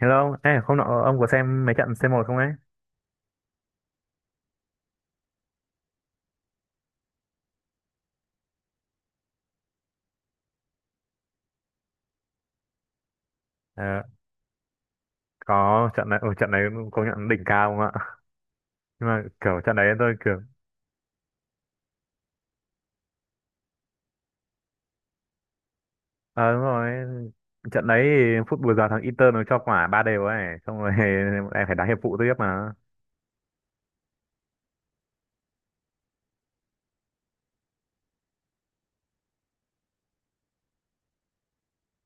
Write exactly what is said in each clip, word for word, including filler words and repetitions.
Hello, ông. ê, hôm nọ ông có xem mấy trận xê một không ấy? Ờ, có trận này, ừ, trận này công nhận đỉnh cao không ạ? Nhưng mà kiểu trận đấy tôi kiểu, ờ đúng rồi, trận đấy thì phút bù giờ thằng Inter nó cho quả ba đều ấy, xong rồi em phải đá hiệp phụ tiếp mà.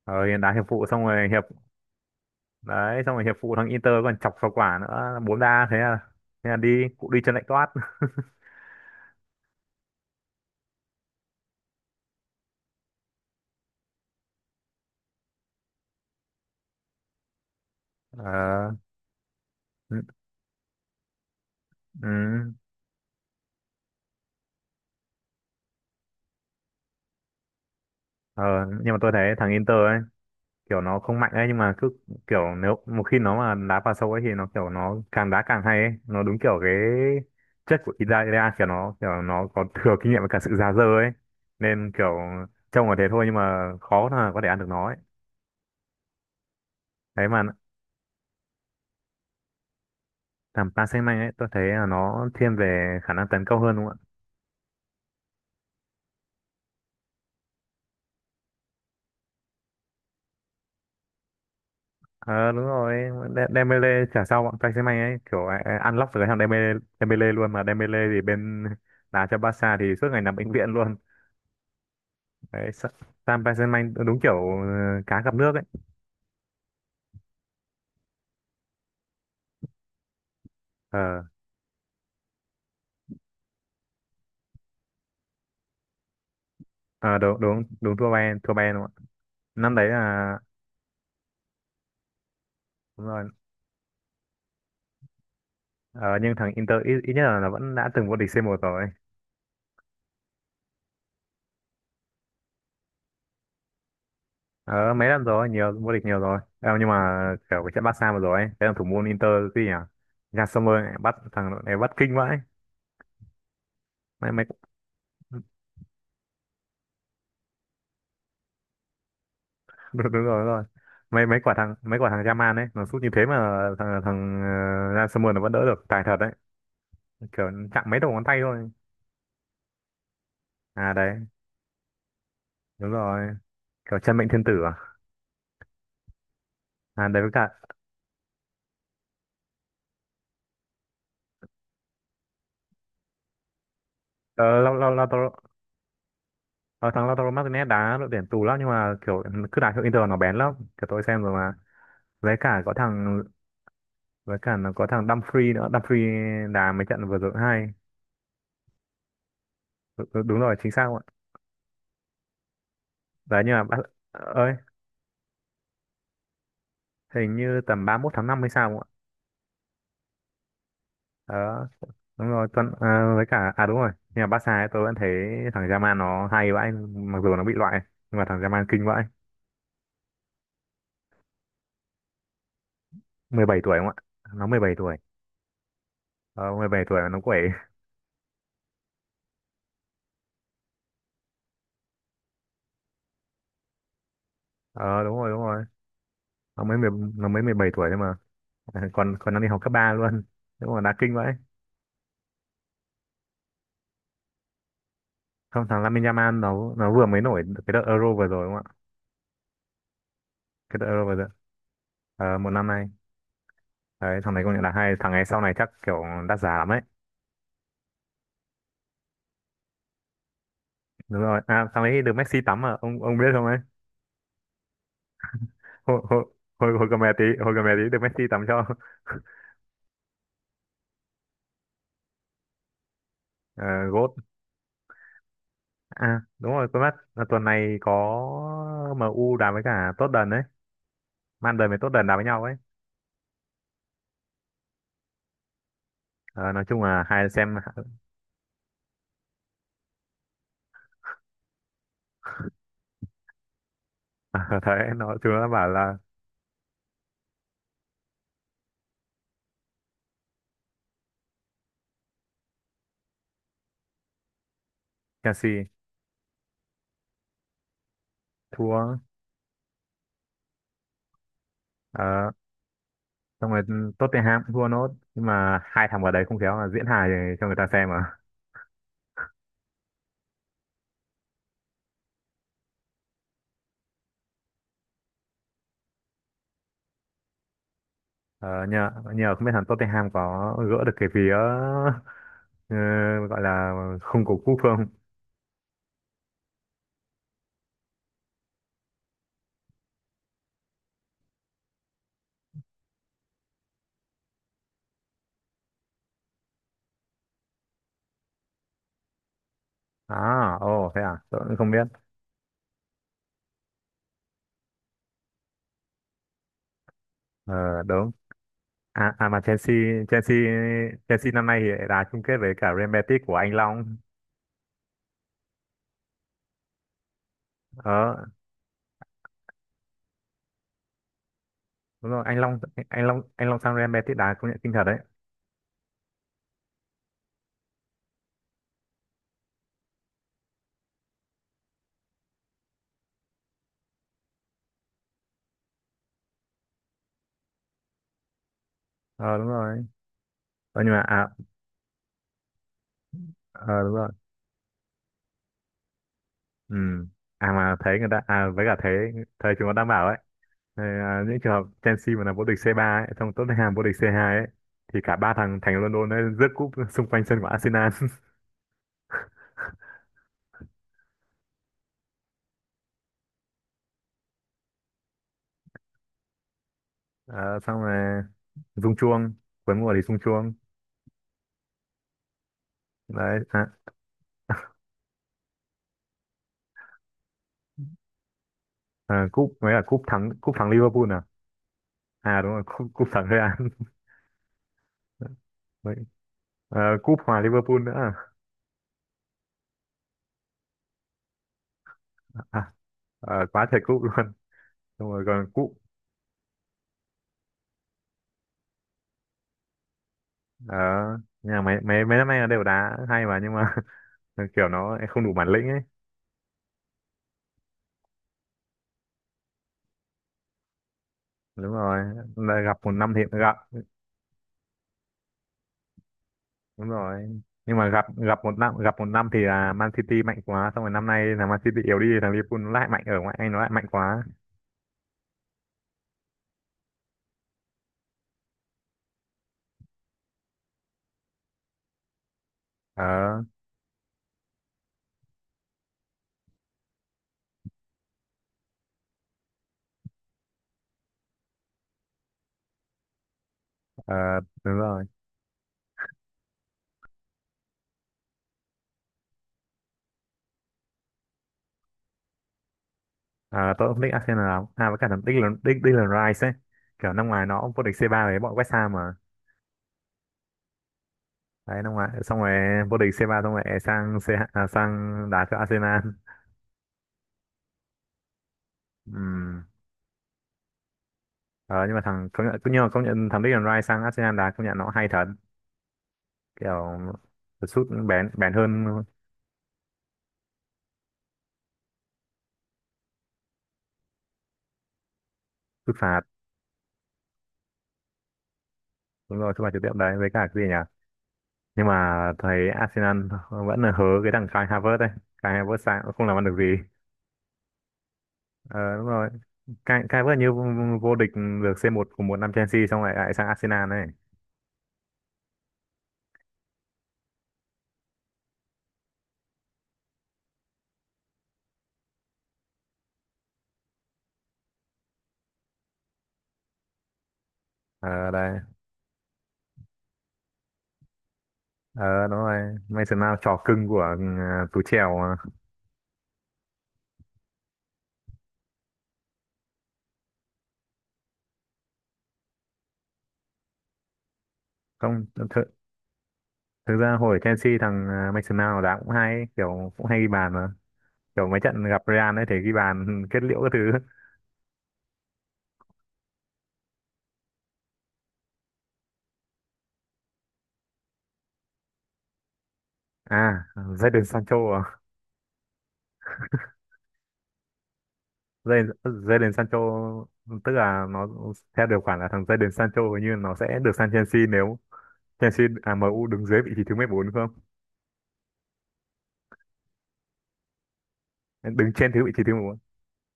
Ờ, đá hiệp phụ xong rồi hiệp, đấy, xong rồi hiệp phụ thằng Inter còn chọc vào quả nữa, bốn đa thế à, thế là đi, cụ đi chân lạnh toát. Ờ, ừ, ừ. Ờ, nhưng mà tôi thấy thằng Inter ấy, kiểu nó không mạnh ấy nhưng mà cứ kiểu nếu một khi nó mà đá vào sâu ấy thì nó kiểu nó càng đá càng hay ấy, nó đúng kiểu cái chất của Italia, kiểu nó kiểu nó có thừa kinh nghiệm với cả sự già dơ ấy, nên kiểu trông là thế thôi nhưng mà khó là có thể ăn được nó ấy. Đấy mà làm Paris Saint-Germain ấy, tôi thấy là nó thiên về khả năng tấn công hơn, đúng không ạ? Ờ đúng rồi, De- Dembele trả sau bọn Paris Saint-Germain ấy, kiểu ai- ai ăn lóc được cái thằng Dembele, Dembele luôn mà. Dembele thì bên đá cho Barca thì suốt ngày nằm bệnh viện luôn. Đấy, Sa- Sam Peiserman đúng kiểu ờ, cá gặp nước ấy. Ờ ờ, đúng đúng đúng, thua Bayern, thua Bayern, đúng không ạ? Năm đấy là đúng rồi. Ờ, nhưng thằng Inter ít, ít nhất là nó vẫn đã từng vô địch c một rồi. Ờ mấy năm rồi, nhiều, vô địch nhiều rồi. Ờ, nhưng mà kiểu cái trận Barca vừa rồi ấy, cái thằng thủ môn Inter, cái gì nhỉ, Nhà Sommer ấy, bắt thằng đội này bắt kinh vãi. Mấy mấy đúng, đúng rồi, đúng rồi. Mấy mấy quả thằng Mấy quả thằng Yaman ấy nó sút như thế mà thằng thằng uh, Sommer nó vẫn đỡ được, tài thật đấy, kiểu chạm mấy đầu ngón tay thôi. À đấy, đúng rồi, kiểu chân mệnh thiên tử à à. Đấy, với cả ờ, Lau- Lau- Lautaro. Ờ, thằng Lautaro Martinez đá đội tuyển tù lắm nhưng mà kiểu cứ đá cho Inter nó bén lắm, kiểu tôi xem rồi mà. với cả có thằng với cả nó có thằng Dumfries nữa, Dumfries đá mấy trận vừa rồi hay. Đú- đú- đúng rồi, chính xác không ạ? Đấy nhưng mà bác- ơi, hình như tầm ba mươi mốt tháng năm hay sao không ạ? Đó đúng rồi, tuần, ờ, với cả à đúng rồi, nhưng mà Barca ấy, tôi vẫn thấy thằng Yamal nó hay vãi, mặc dù nó bị loại nhưng mà thằng Yamal kinh vãi. Mười bảy tuổi không ạ? Nó mười bảy tuổi. Ờ, mười bảy tuổi mà nó quẩy. Ờ đúng rồi, đúng rồi, nó mới mười nó mới mười bảy tuổi thôi mà. Còn còn đang đi học cấp ba luôn, đúng là đá kinh vậy. Không, thằng Lamine Yamal nó nó vừa mới nổi cái đợt Euro vừa rồi, đúng không ạ? Cái đợt Euro vừa rồi, ờ, một năm nay. Đấy thằng này công nhận là hay, thằng này sau này chắc kiểu đắt giá lắm ấy. Đúng rồi, à thằng ấy được Messi tắm à, ông ông biết không ấy? hồi hồi hồi, Hồi, cầm mẹ tí hồi cầm mẹ tí được Messi tắm cho. Uh, gót. À đúng rồi, quên mất là tuần này có em u đá với cả Tottenham đấy, Man đời với Tottenham đá với nhau ấy. Ờ, nói chung là hai xem. À, thấy nó thứ nó bảo là Chelsea thua. Ờ, xong rồi Tottenham cũng thua nốt, nhưng mà hai thằng vào đấy không khéo là diễn hài cho người ta xem à. Ờ, nhờ nhờ không biết thằng Tottenham có gỡ được cái vía ờ, gọi là không của quốc phương. À ồ, thế à, tôi cũng không biết. Ờ, đúng. À, à mà Chelsea Chelsea Chelsea năm nay thì đã chung kết với cả Real Betis của anh Long. Ờ đúng rồi, anh Long anh Long anh Long sang Real Betis đá công nhận kinh thật đấy. Ờ đúng rồi. Ờ, nhưng mà à, ờ đúng rồi, ừ. À mà thấy người ta, à với cả thấy thời chúng nó đang bảo ấy, ờ, à, những trường hợp Chelsea mà là vô địch xê ba ấy xong Tottenham vô địch xê hai ấy, thì cả ba thằng thành London ấy rước cúp xung quanh sân của Arsenal. Ờ, xong rồi rung chuông, cuối mùa thì rung chuông, đấy. À, à, cúp với cả cúp thắng, cúp thắng Liverpool. À à đúng rồi, cúp, cúp thắng Real. Đấy. Ờ, cúp hòa Liverpool nữa à, à, ờ, quá trời cúp luôn, xong rồi còn cúp. Ờ nhưng mà mấy mấy mấy năm nay là đều đá hay mà, nhưng mà kiểu nó không đủ bản lĩnh ấy. Đúng rồi, là gặp một năm thì gặp. Đúng rồi, nhưng mà gặp gặp một năm, gặp một năm thì là Man City mạnh quá, xong rồi năm nay là Man City yếu đi, thằng Liverpool nó lại mạnh, ở ngoại Anh nó lại mạnh quá. Ờ, ờ đúng rồi. Ờ, tôi cũng thích Arsenal lắm à, với cả thằng Declan Dick- Declan Rice ấy kiểu năm ngoài nó cũng vô địch xê ba với bọn West Ham mà. Đấy, năm ngoài xong rồi vô địch xê ba xong rồi sang C, à, sang đá cho Arsenal. Ừ. Ờ, nhưng mà thằng, công nhận, nhưng mà công nhận thằng Declan Rice sang Arsenal đá công nhận nó hay thật, kiểu sút bén, bén hơn sút phạt. Đúng rồi, sút phạt trực tiếp đấy, với cả cái gì nhỉ, nhưng mà thấy Arsenal vẫn là hớ cái thằng Kai Havertz đấy. Kai Havertz sang cũng không làm ăn được gì. Ờ, đúng rồi, Kai, Kai Havertz như vô địch được xê một của một năm Chelsea, xong lại lại sang Arsenal này. Ờ đây, ờ đúng rồi, Mason Mount trò cưng của uh, Tú Chèo mà. Không, thực, thực ra hồi Chelsea thằng ờ, Mason Mount đá cũng hay, kiểu cũng hay ghi bàn mà, kiểu mấy trận gặp Real ấy thì ghi bàn kết liễu cái thứ. À, Jadon Sancho à, Jadon Jadon Sancho. Tức là nó theo điều khoản là thằng Jadon Sancho hình như nó sẽ được sang Chelsea nếu Chelsea, à, em u đứng dưới vị trí thứ mười bốn đúng không, đứng trên thứ vị trí thứ mười bốn,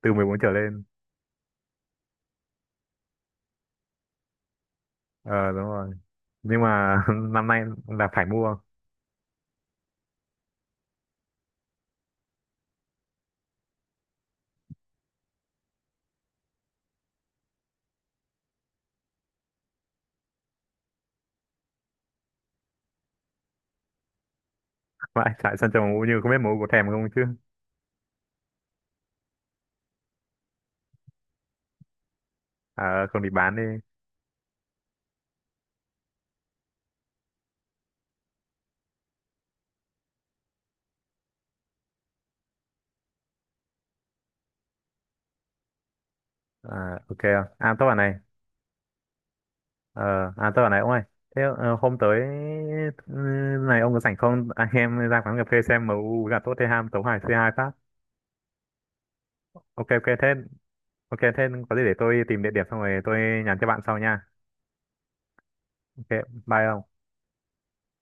từ mười bốn trở lên. Ờ đúng rồi, nhưng mà năm nay là phải mua. Vậy tại Sancho em u như, không biết em u có thèm không chứ. À, không thì bán đi. À, ok không? À tôi bảo này, Ờ, à tôi bảo này ông ơi, thế ờ, hôm tới, ừ, này ông có rảnh không? Anh em ra quán cà phê xem em u với cả Tottenham tấu hài c hai phát. Ok ok thế, ok thế có gì để tôi tìm địa điểm xong rồi tôi nhắn cho bạn sau nha. Ok, bye ông.